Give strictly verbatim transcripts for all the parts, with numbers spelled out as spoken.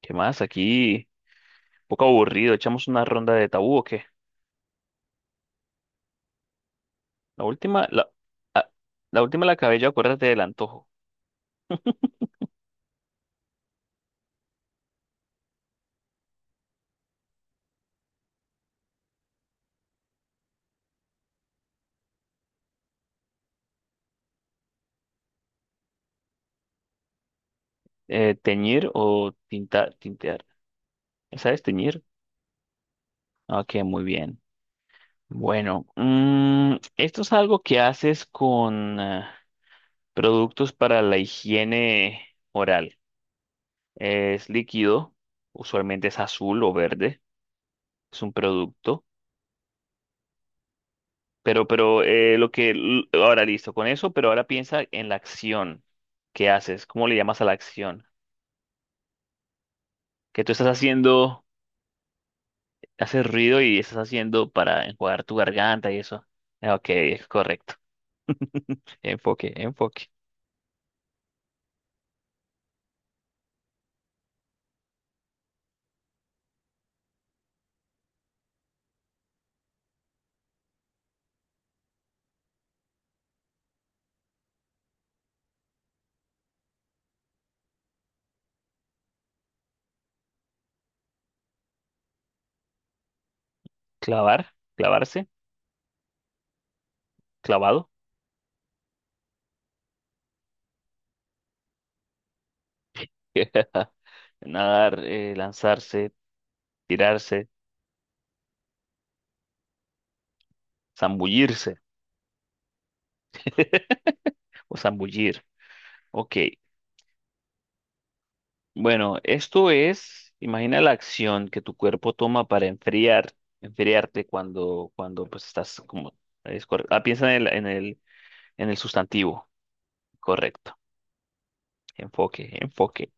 ¿Qué más? Aquí, un poco aburrido. Echamos una ronda de tabú o qué. La última, la, ah, la última la acabé yo, acuérdate del antojo. Eh, teñir o tintar, tintear. ¿Sabes teñir? Ok, muy bien. Bueno, mm, esto es algo que haces con ah, productos para la higiene oral. Es líquido, usualmente es azul o verde. Es un producto. Pero, pero eh, lo que l- ahora listo con eso, pero ahora piensa en la acción que haces, ¿cómo le llamas a la acción? Que tú estás haciendo, haces ruido y estás haciendo para enjuagar tu garganta y eso. Eh, Ok, es correcto. Enfoque, enfoque. Clavar, clavarse, clavado. Nadar, eh, lanzarse, tirarse, zambullirse o zambullir. Ok. Bueno, esto es, imagina la acción que tu cuerpo toma para enfriar, enfriarte cuando, cuando pues estás como, es corre- Ah, piensa en el, en el, en el sustantivo, correcto. Enfoque, enfoque.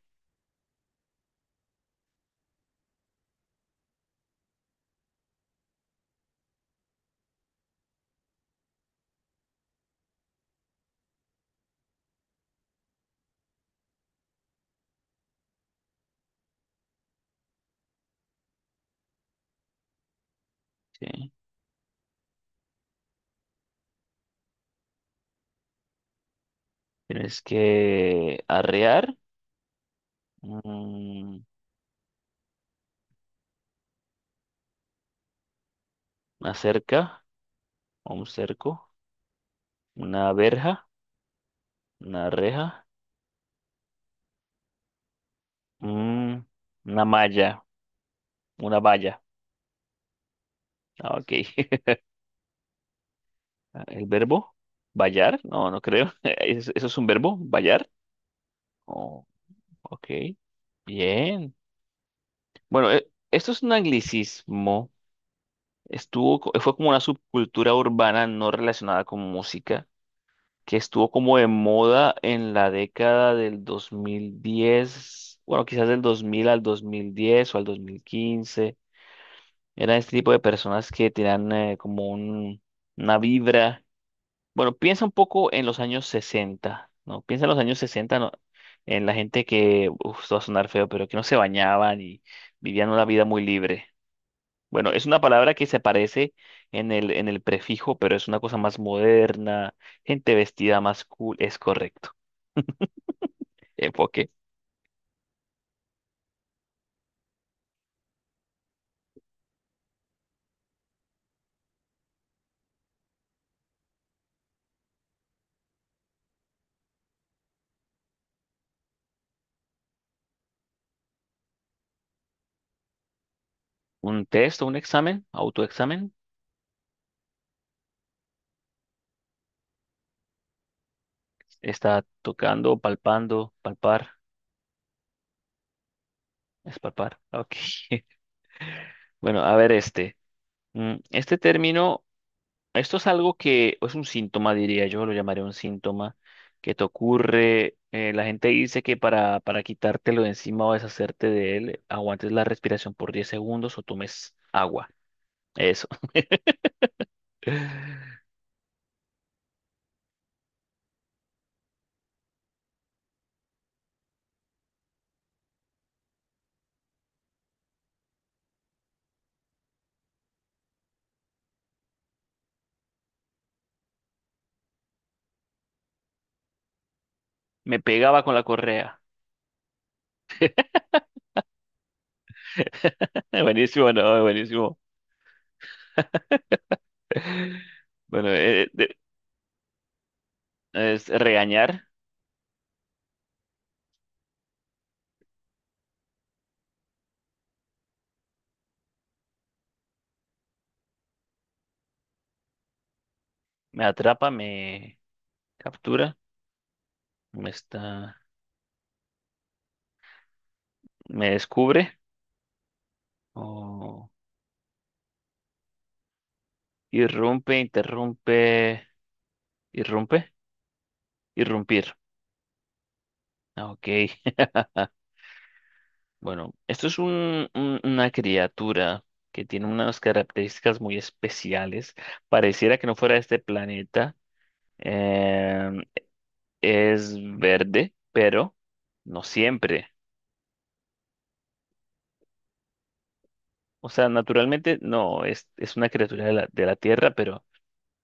Sí. Tienes que arrear, mm, una cerca, o un cerco, una verja, una reja, mm, una malla, una valla. Ah, ok. El verbo, vallar, no, no creo. ¿Eso es un verbo, vallar? Oh, ok, bien. Bueno, e- esto es un anglicismo. Estuvo, co- fue como una subcultura urbana no relacionada con música, que estuvo como de moda en la década del dos mil diez, bueno, quizás del dos mil al dos mil diez o al dos mil quince. Eran este tipo de personas que tenían eh, como un- una vibra. Bueno, piensa un poco en los años sesenta, ¿no? Piensa en los años sesenta, ¿no? En la gente que, uf, esto va a sonar feo, pero que no se bañaban y vivían una vida muy libre. Bueno, es una palabra que se parece en el, en el prefijo, pero es una cosa más moderna, gente vestida más cool, es correcto. Enfoque. Un test o un examen, autoexamen, está tocando, palpando, palpar, es palpar, ok. Bueno, a ver este. Mm, Este término Esto es algo que es un síntoma, diría yo, lo llamaría un síntoma que te ocurre. Eh, la gente dice que para, para quitártelo de encima o deshacerte de él, aguantes la respiración por diez segundos o tomes agua. Eso. Me pegaba con la correa. Buenísimo, no, buenísimo. Bueno, eh, de- es regañar, me atrapa, me captura, me está, me descubre o irrumpe, interrumpe, irrumpe, irrumpir. Ah, Ok, bueno, esto es un, un- una criatura que tiene unas características muy especiales. Pareciera que no fuera de este planeta. Em, es verde, pero no siempre. O sea, naturalmente no, es, es una criatura de la, de la Tierra, pero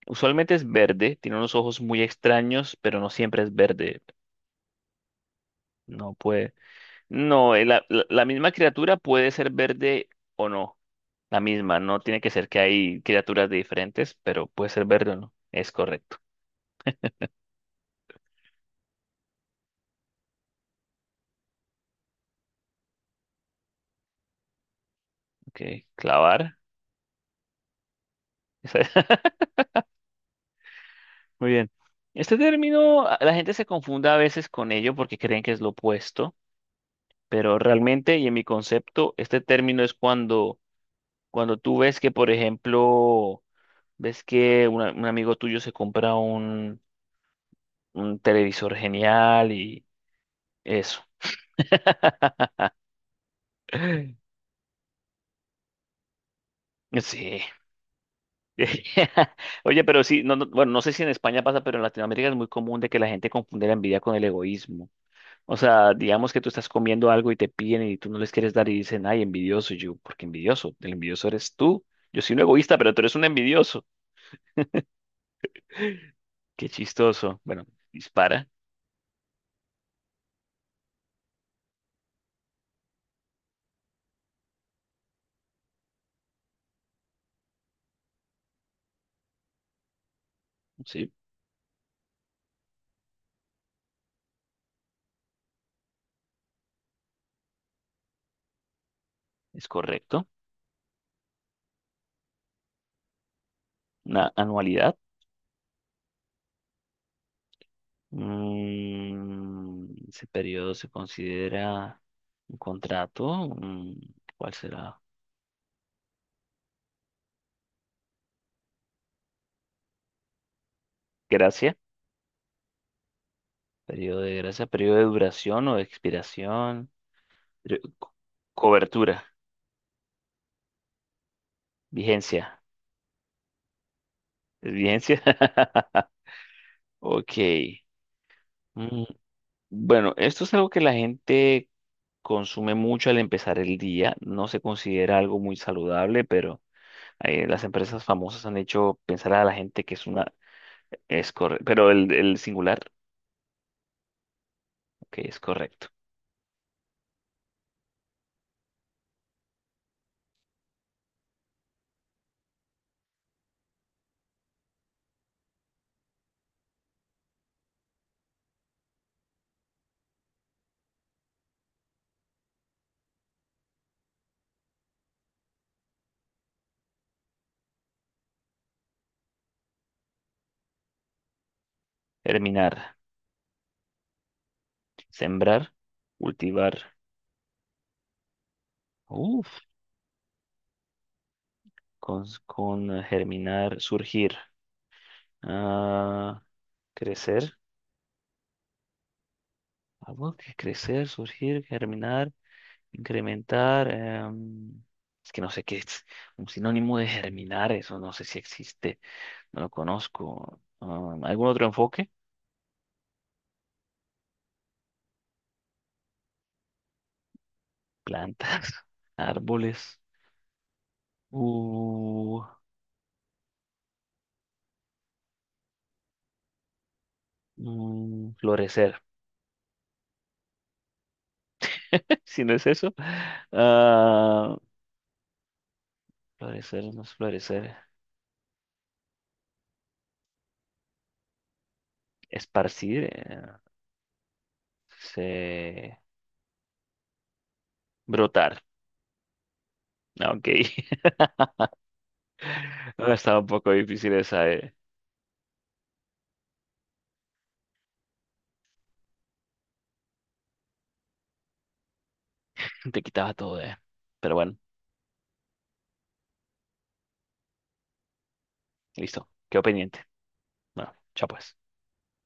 usualmente es verde. Tiene unos ojos muy extraños, pero no siempre es verde. No puede. No, eh, la la- la misma criatura puede ser verde o no. La misma, no tiene que ser que hay criaturas de diferentes, pero puede ser verde o no. Es correcto. Ok, clavar. Esa- Muy bien. Este término, a- la gente se confunda a veces con ello porque creen que es lo opuesto, pero realmente, y en mi concepto, este término es cuando, cuando tú ves que, por ejemplo, ves que una- un amigo tuyo se compra un, un televisor genial y eso. Sí. Oye, pero sí, no, no- bueno, no sé si en España pasa, pero en Latinoamérica es muy común de que la gente confunde la envidia con el egoísmo. O sea, digamos que tú estás comiendo algo y te piden y tú no les quieres dar y dicen, ay, envidioso. Y yo, ¿por qué envidioso? El envidioso eres tú. Yo soy un egoísta, pero tú eres un envidioso. Qué chistoso. Bueno, dispara, sí, es correcto. Una anualidad. Mm, ese periodo se considera un contrato. Mm, ¿cuál será? Gracias. Periodo de gracia, periodo de duración o de expiración. Pero- co- Cobertura, vigencia. ¿Es vigencia? Ok. Mm, Bueno, esto es algo que la gente consume mucho al empezar el día. No se considera algo muy saludable, pero eh, las empresas famosas han hecho pensar a la gente que es una... Es correcto. Pero el, el singular, ok, es correcto. Germinar, sembrar, cultivar. Uf, con, con germinar, surgir. Ah, crecer. Algo que crecer, surgir, germinar, incrementar. Em, es que no sé qué es un sinónimo de germinar, eso no sé si existe, no lo conozco. Ah, ¿algún otro enfoque? Plantas, árboles, uh, mm, florecer. Si no es eso, ah, florecer no es florecer, esparcir, eh, se- brotar. Ah, ok. No, estaba un poco difícil esa, eh. Te quitaba todo, eh. Pero bueno, listo. Quedó pendiente. Bueno, chao pues.